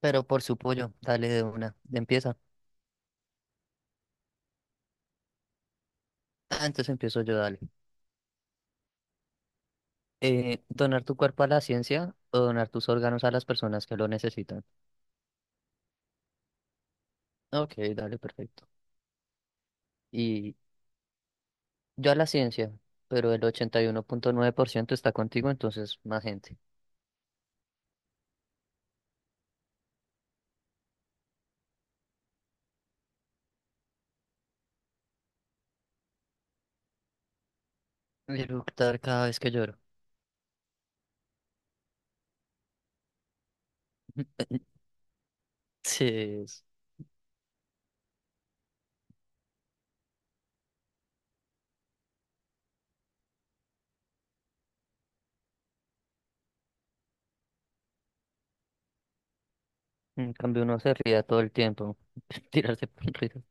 Pero por su pollo, dale de una. Empieza. Ah, entonces empiezo yo, dale. Donar tu cuerpo a la ciencia o donar tus órganos a las personas que lo necesitan. Ok, dale, perfecto. Y yo a la ciencia, pero el 81,9% está contigo, entonces más gente. Eructar cada vez que lloro. Sí, es- en cambio uno se ría todo el tiempo. Tirarse por el río.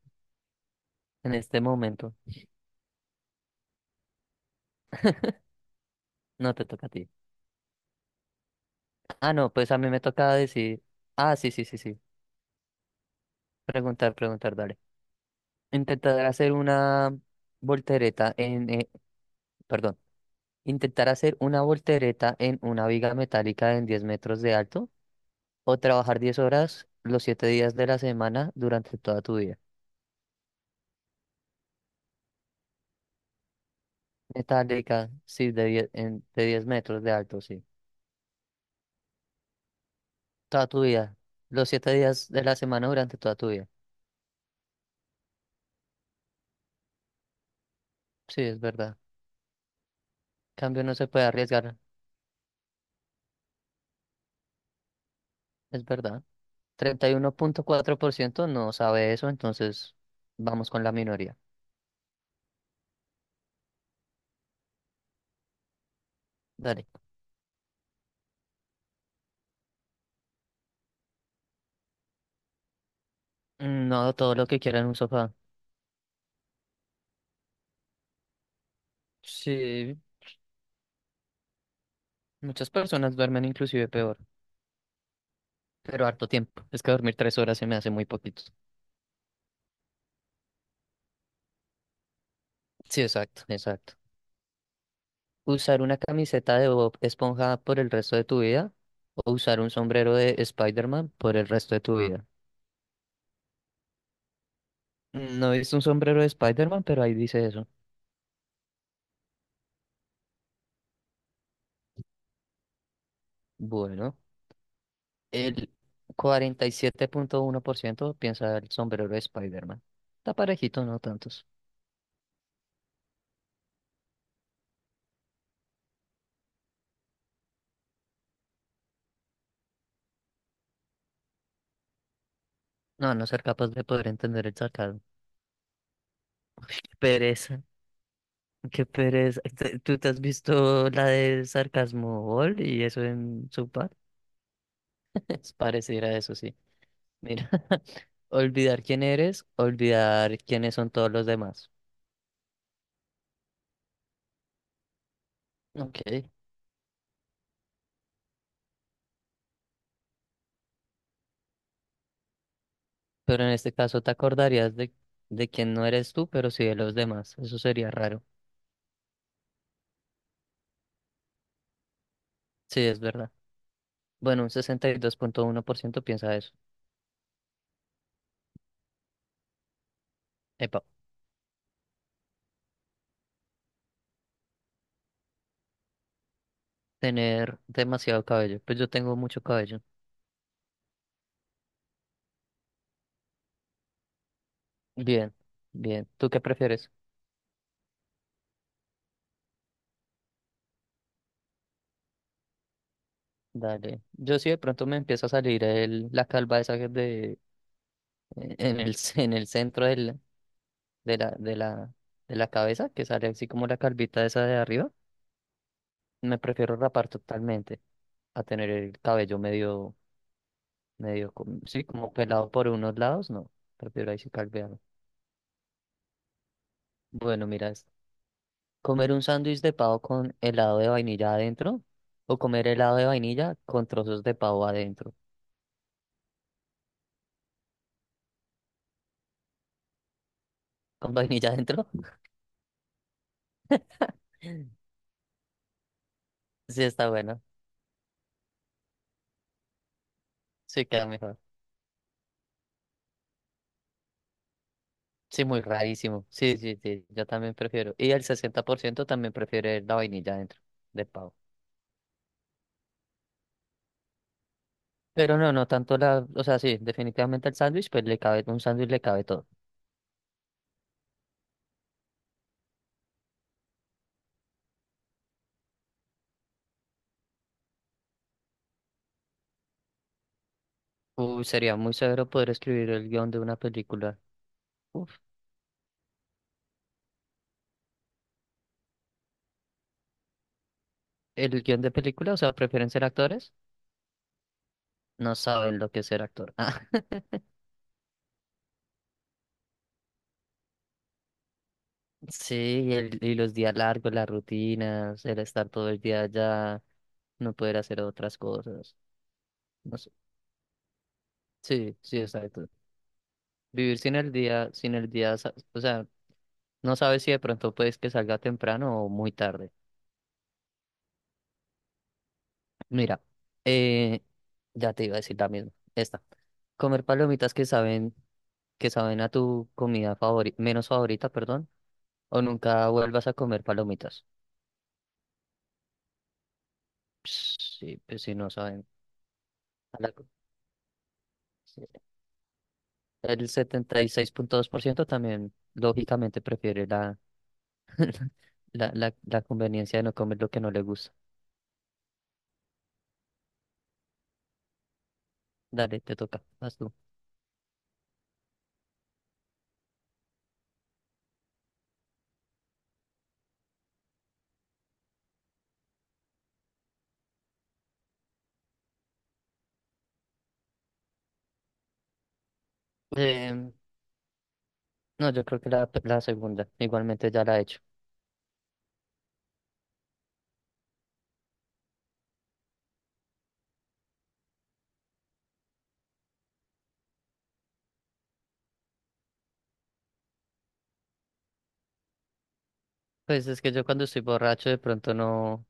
En este momento, no te toca a ti. Ah, no, pues a mí me toca decir. Ah, sí, sí, sí, sí. Preguntar, preguntar, dale. Intentar hacer una voltereta perdón, intentar hacer una voltereta en una viga metálica en 10 metros de alto o trabajar 10 horas los 7 días de la semana durante toda tu vida. Metálica, sí, de 10 metros de alto, sí. Toda tu vida. Los 7 días de la semana durante toda tu vida. Sí, es verdad. Cambio no se puede arriesgar, es verdad. 31,4% no sabe eso, entonces vamos con la minoría. Dale. No, todo lo que quiera en un sofá. Sí, muchas personas duermen inclusive peor, pero harto tiempo. Es que dormir 3 horas se me hace muy poquito. Sí, exacto, exacto. ¿Usar una camiseta de Bob Esponja por el resto de tu vida? ¿O usar un sombrero de Spider-Man por el resto de tu vida? No es un sombrero de Spider-Man, pero ahí dice eso. Bueno, el 47,1% piensa el sombrero de Spider-Man. Está parejito, no tantos. No, a no ser capaz de poder entender el sacado. Pereza. Qué pereza. ¿Tú te has visto la de Sarcasmo Ball y eso en su par? Es pareciera a eso, sí. Mira, olvidar quién eres, olvidar quiénes son todos los demás. Ok. Pero en este caso te acordarías de quién no eres tú, pero sí de los demás. Eso sería raro. Sí, es verdad. Bueno, un 62,1% piensa eso. Epa, tener demasiado cabello. Pues yo tengo mucho cabello. Bien, bien. ¿Tú qué prefieres? Dale. Yo sí de pronto me empieza a salir el, la calva esa que es de en el, en el centro del, de la, de la, de la cabeza, que sale así como la calvita esa de arriba. Me prefiero rapar totalmente a tener el cabello medio, medio, sí, como pelado por unos lados, no. Prefiero ahí sí calvearlo. Bueno, mira, es comer un sándwich de pavo con helado de vainilla adentro o comer helado de vainilla con trozos de pavo adentro. Con vainilla adentro, sí está bueno. Sí queda mejor. Sí, muy rarísimo. Sí, sí, sí, yo también prefiero. Y el 60% también prefiere la vainilla dentro del pavo. Pero no, no tanto la, o sea, sí, definitivamente el sándwich, pues le cabe, un sándwich le cabe todo. Uy, sería muy severo poder escribir el guión de una película. Uf, el guión de película, o sea, ¿prefieren ser actores? No saben lo que es ser actor. Ah, sí, y, el, y los días largos, las rutinas, el estar todo el día allá, no poder hacer otras cosas. No sé. Sí, sí, exacto. Vivir sin el día, sin el día, o sea, no sabes si de pronto puedes que salga temprano o muy tarde. Mira, eh, ya te iba a decir la misma. Esta. Comer palomitas que saben a tu comida favorita, menos favorita, perdón, o nunca vuelvas a comer palomitas. Sí, pues si no saben. A la co- sí. El 76,2% también, lógicamente, prefiere la, la conveniencia de no comer lo que no le gusta. Dale, te toca, vas tú. Em, no, yo creo que la segunda, igualmente ya la he hecho. Pues es que yo cuando estoy borracho de pronto no,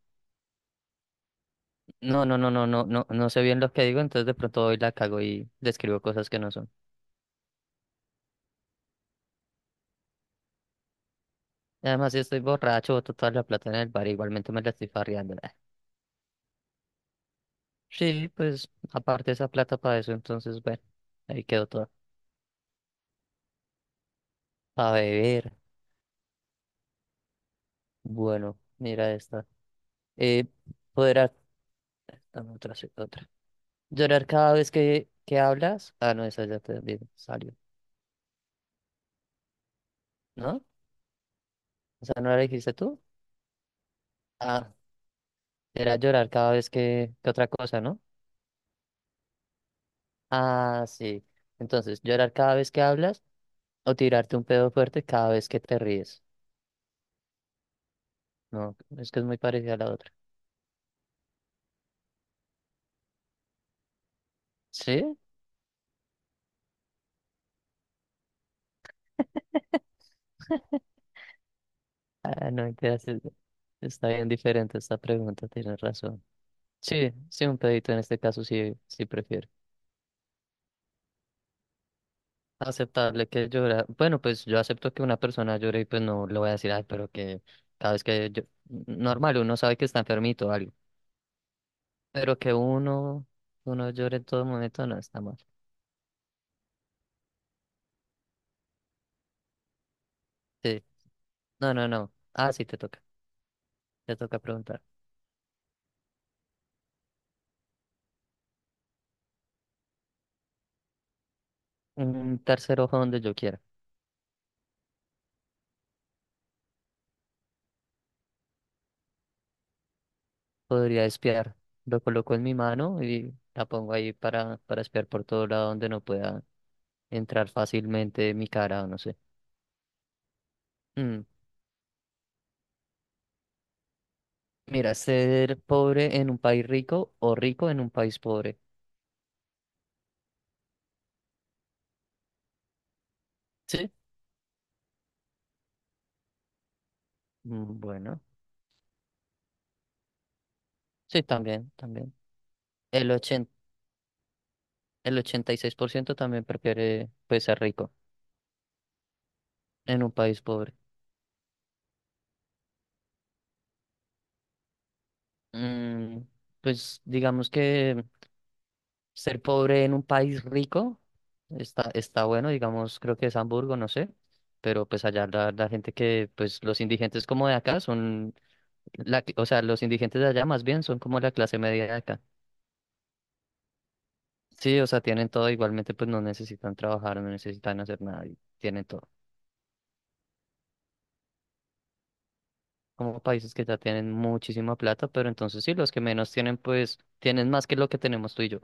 no, no, no, no, no, no, no sé bien lo que digo, entonces de pronto hoy la cago y describo cosas que no son. Y además, si estoy borracho, boto toda la plata en el bar, igualmente me la estoy farreando. Ah, sí, pues aparte esa plata para eso, entonces bueno, ahí quedó todo. Para beber, bueno, mira esta. Eh, poder, ac- ah, no, otra, sí, otra. Llorar cada vez que, hablas. Ah, no, esa ya salió, ¿no? ¿Esa no la dijiste tú? Ah, era llorar cada vez que, otra cosa, ¿no? Ah, sí. Entonces, llorar cada vez que hablas o tirarte un pedo fuerte cada vez que te ríes. No, es que es muy parecida a la otra. ¿Sí? Ah, no, mentiras, está bien diferente esta pregunta, tienes razón. Sí, sí, un pedito en este caso sí, sí prefiero. Aceptable que llora. Bueno, pues yo acepto que una persona llore y pues no le voy a decir, ay, pero que cada vez que yo... Normal, uno sabe que está enfermito o algo. Pero que uno, uno llore en todo momento no está mal. Sí. No, no, no. Ah, sí, te toca. Te toca preguntar. Un tercer ojo donde yo quiera. Podría espiar. Lo coloco en mi mano y la pongo ahí para espiar por todo lado donde no pueda entrar fácilmente mi cara o no sé. Mm, Mira, ser pobre en un país rico o rico en un país pobre. Sí. Bueno, sí, también, también. El 80, el 86% también prefiere pues ser rico en un país pobre. Mm, pues digamos que... Ser pobre en un país rico está, está bueno, digamos, creo que es Hamburgo, no sé, pero pues allá la, la gente que, pues los indigentes como de acá son, la, o sea, los indigentes de allá más bien son como la clase media de acá. Sí, o sea, tienen todo, igualmente pues no necesitan trabajar, no necesitan hacer nada y tienen todo. Como países que ya tienen muchísima plata, pero entonces sí, los que menos tienen pues tienen más que lo que tenemos tú y yo.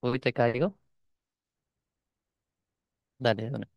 Uy, te caigo. Dale, de una.